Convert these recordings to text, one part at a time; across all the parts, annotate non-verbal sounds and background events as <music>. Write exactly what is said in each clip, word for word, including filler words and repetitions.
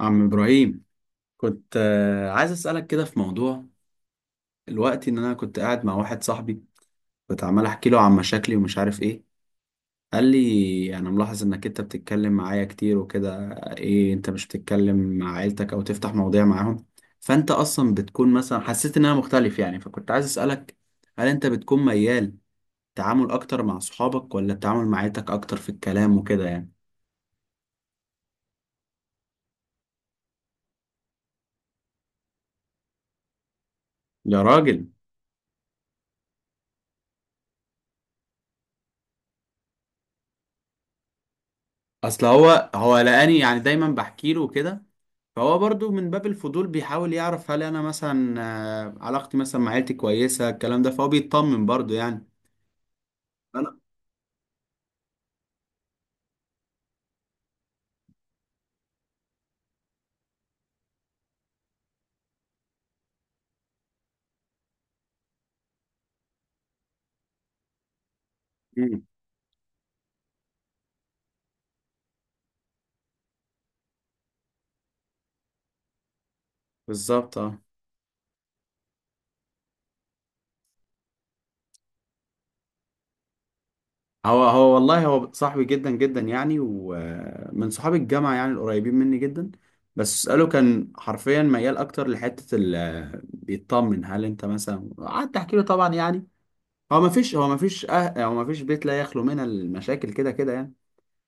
عم إبراهيم، كنت آه، عايز أسألك كده في موضوع. الوقت إن أنا كنت قاعد مع واحد صاحبي كنت عمال أحكي له عن مشاكلي ومش عارف إيه. قال لي أنا ملاحظ إنك أنت بتتكلم معايا كتير وكده، إيه أنت مش بتتكلم مع عيلتك أو تفتح مواضيع معاهم؟ فأنت أصلا بتكون مثلا حسيت إن أنا مختلف يعني، فكنت عايز أسألك، هل أنت بتكون ميال تعامل أكتر مع صحابك ولا التعامل مع عيلتك أكتر في الكلام وكده يعني؟ يا راجل، أصل هو هو لقاني يعني دايما بحكي له كده، فهو برضو من باب الفضول بيحاول يعرف هل انا مثلا آه، علاقتي مثلا مع عيلتي كويسه، الكلام ده فهو بيطمن برضو يعني. انا. مم. بالظبط، اه. هو هو والله هو صاحبي جدا جدا يعني، ومن صحاب الجامعه يعني، القريبين مني جدا. بس اساله كان حرفيا ميال اكتر لحته ال آه، بيطمن هل انت مثلا قعدت احكي له، طبعا يعني. هو ما فيش هو ما فيش أه... هو ما فيش بيت لا يخلو من المشاكل كده كده يعني،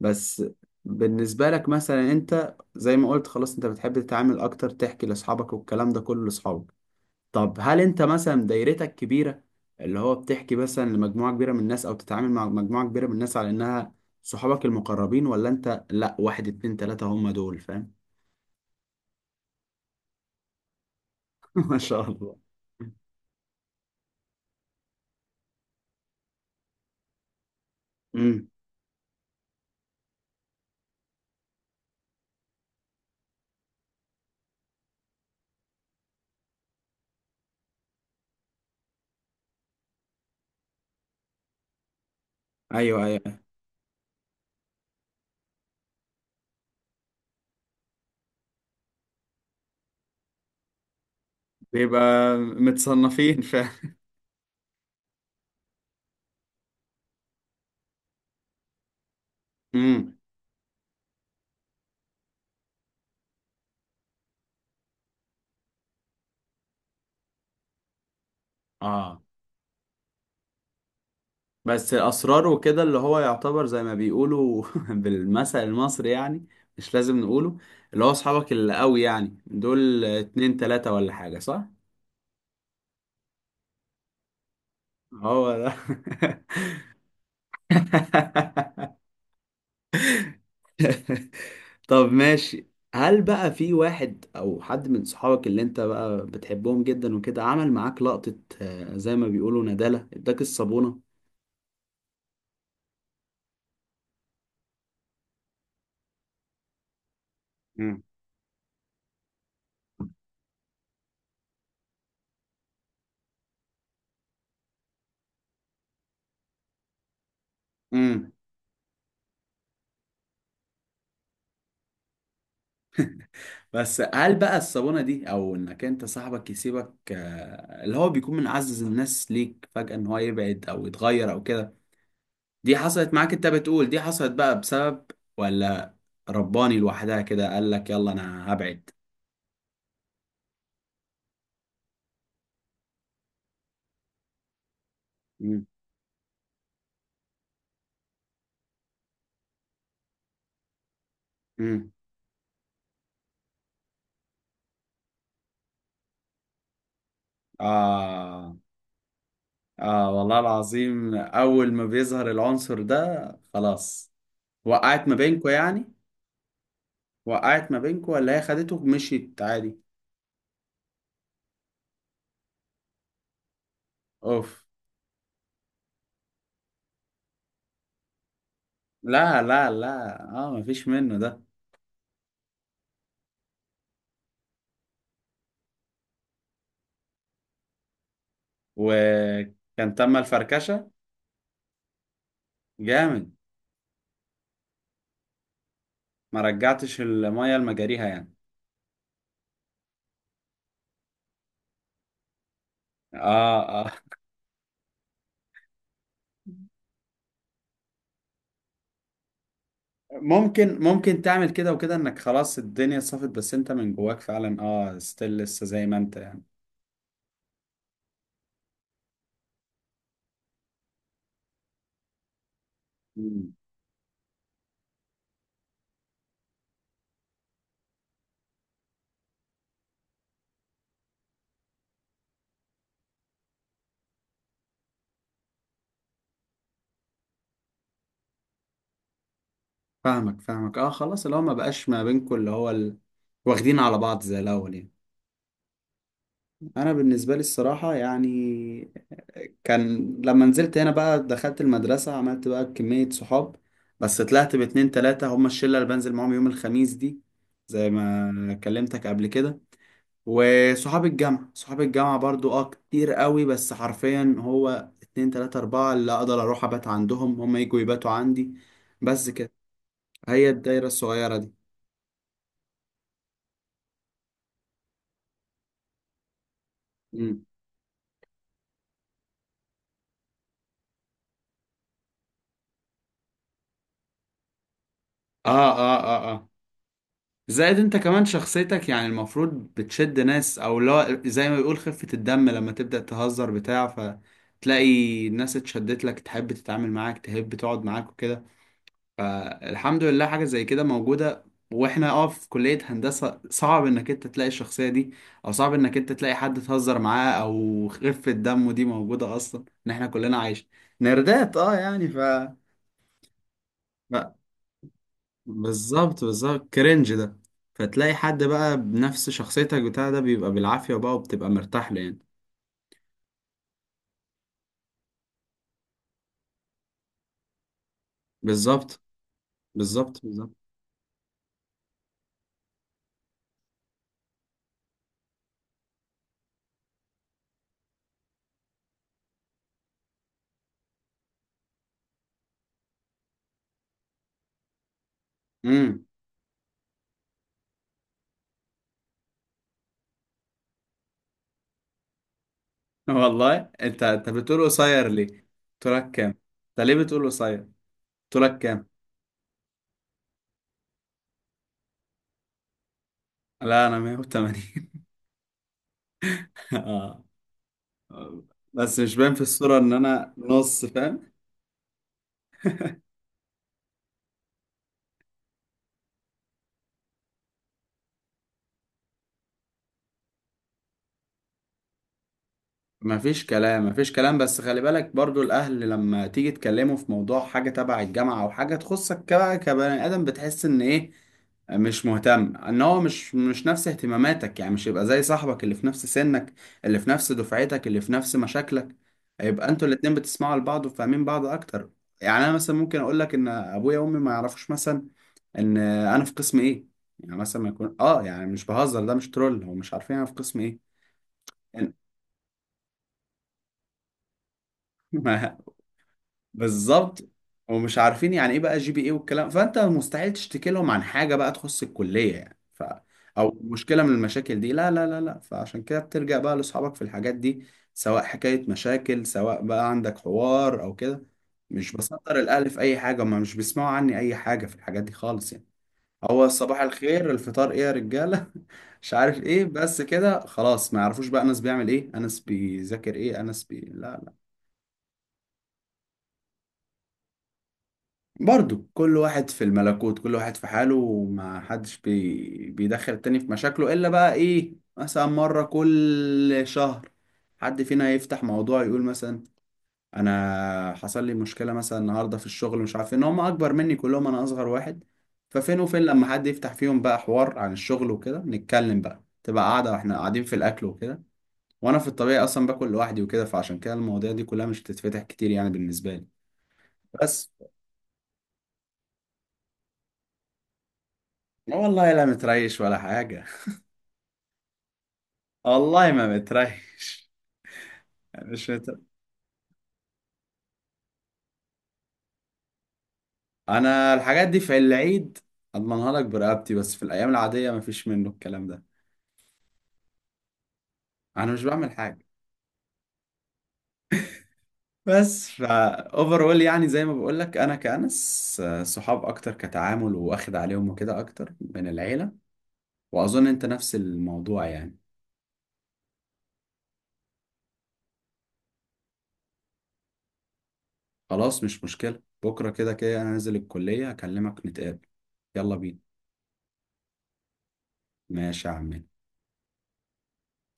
بس. بالنسبة لك مثلا، انت زي ما قلت خلاص انت بتحب تتعامل اكتر، تحكي لاصحابك والكلام ده كله لاصحابك. طب هل انت مثلا دايرتك كبيرة، اللي هو بتحكي مثلا لمجموعة كبيرة من الناس او تتعامل مع مجموعة كبيرة من الناس على انها صحابك المقربين، ولا انت لا، واحد اتنين تلاتة هم دول، فاهم؟ <laughs> ما شاء الله. امم. ايوه، ايوه. بيبقى متصنفين، فاهم. امم. اه، بس اسراره وكده اللي هو يعتبر زي ما بيقولوا <laughs> بالمثل المصري يعني، مش لازم نقوله. اللي هو اصحابك اللي قوي يعني دول اتنين تلاتة ولا حاجة، صح؟ هو ده. <laughs> طب ماشي. هل بقى في واحد او حد من صحابك اللي انت بقى بتحبهم جدا وكده عمل معاك لقطة، آه، زي ما بيقولوا ندالة اداك الصابونة؟ مم. بس هل بقى الصبونة دي، او انك انت صاحبك يسيبك آه، اللي هو بيكون من اعز الناس ليك فجأة، ان هو يبعد او يتغير او كده، دي حصلت معاك؟ انت بتقول دي حصلت بقى بسبب، ولا رباني لوحدها كده قال لك يلا انا هبعد؟ مم. مم. آه. آه والله العظيم، اول ما بيظهر العنصر ده خلاص، وقعت ما بينكو يعني. وقعت ما بينكو ولا هي خدته ومشيت عادي؟ اوف. لا لا لا، اه، مفيش منه ده. وكان تم الفركشة. جامد. ما رجعتش المية لمجاريها يعني. اه، اه. ممكن، ممكن تعمل كده وكده انك خلاص الدنيا صفت، بس انت من جواك فعلا اه ستيل لسه زي ما انت يعني. مم. فاهمك، فاهمك، اه. خلاص اللي هو ما بقاش ما بينكم اللي هو ال... واخدين على بعض زي الاول يعني. انا بالنسبة لي الصراحة يعني، كان لما نزلت هنا بقى دخلت المدرسة، عملت بقى كمية صحاب، بس طلعت باتنين تلاتة هما الشلة اللي بنزل معاهم يوم الخميس دي، زي ما كلمتك قبل كده. وصحاب الجامعة، صحاب الجامعة برضو اه كتير قوي، بس حرفيا هو اتنين تلاتة أربعة اللي أقدر أروح أبات عندهم، هما يجوا يباتوا عندي، بس كده. هي الدايرة الصغيرة دي. مم. اه، اه، اه، اه. زائد انت كمان شخصيتك يعني المفروض بتشد ناس او لا، زي ما بيقول خفة الدم لما تبدأ تهزر بتاع، فتلاقي الناس اتشدت لك، تحب تتعامل معاك، تحب تقعد معاك وكده، فالحمد لله حاجة زي كده موجودة. واحنا اه في كلية هندسة صعب انك انت تلاقي الشخصية دي، او صعب انك انت تلاقي حد تهزر معاه او خفة دمه دي موجودة اصلا، ان احنا كلنا عايشين نردات اه يعني ف. بالظبط، بالظبط، كرنج ده. فتلاقي حد بقى بنفس شخصيتك بتاع ده بيبقى بالعافية بقى، وبتبقى مرتاح له يعني. بالظبط، بالظبط، بالظبط. امم. والله انت انت بتقول قصير ليه؟ قلت لك كام؟ انت ليه بتقول قصير؟ قلت لك كام؟ لا انا مية وتمانين. <laughs> اه. بس مش باين في الصورة ان انا نص، فاهم؟ مفيش كلام، مفيش كلام، بس خلي بالك برضو الأهل لما تيجي تكلمه في موضوع حاجة تبع الجامعة أو حاجة تخصك كبقى كبني آدم، بتحس إن إيه، مش مهتم إن هو مش مش نفس اهتماماتك يعني، مش يبقى زي صاحبك اللي في نفس سنك، اللي في نفس دفعتك، اللي في نفس مشاكلك، يبقى أنتوا الاتنين بتسمعوا لبعض وفاهمين بعض أكتر. يعني أنا مثلا ممكن أقول لك إن أبويا وأمي ما يعرفوش مثلا إن أنا في قسم إيه، يعني مثلا ما يكون آه يعني مش بهزر، ده مش ترول، هم مش عارفين أنا في قسم إيه يعني. <laughs> بالظبط. ومش عارفين يعني ايه بقى جي بي ايه والكلام، فانت مستحيل تشتكي لهم عن حاجه بقى تخص الكليه يعني ف، او مشكله من المشاكل دي، لا لا لا لا، فعشان كده بترجع بقى لاصحابك في الحاجات دي، سواء حكايه مشاكل، سواء بقى عندك حوار او كده. مش بصدر الاهل في اي حاجه، ما مش بيسمعوا عني اي حاجه في الحاجات دي خالص يعني. هو صباح الخير، الفطار ايه يا رجاله، <laughs> مش عارف ايه، بس كده خلاص ما يعرفوش بقى انس بيعمل ايه، انس بيذاكر ايه، انس بي لا. برضو كل واحد في الملكوت، كل واحد في حاله، وما حدش بي... بيدخل التاني في مشاكله إلا بقى إيه مثلا مرة كل شهر حد فينا يفتح موضوع يقول مثلا أنا حصل لي مشكلة مثلا النهاردة في الشغل، مش عارف إيه، إن هم أكبر مني كلهم، أنا أصغر واحد. ففين وفين لما حد يفتح فيهم بقى حوار عن الشغل وكده نتكلم بقى، تبقى قاعدة وإحنا قاعدين في الأكل وكده. وأنا في الطبيعي أصلا باكل لوحدي وكده، فعشان كده المواضيع دي كلها مش بتتفتح كتير يعني بالنسبة لي، بس. والله لا متريش ولا حاجة. والله ما بتريش. <laughs> يعني مش بتر... انا الحاجات دي في العيد اضمنها لك برقبتي، بس في الايام العاديه ما فيش منه الكلام ده. انا مش بعمل حاجه. بس فا اوفرول يعني زي ما بقول لك انا كأنس آه، صحاب اكتر كتعامل، واخد عليهم وكده اكتر من العيله، واظن انت نفس الموضوع يعني. خلاص مش مشكله، بكره كده كده انا نازل الكليه، اكلمك نتقابل، يلا بينا. ماشي يا عم.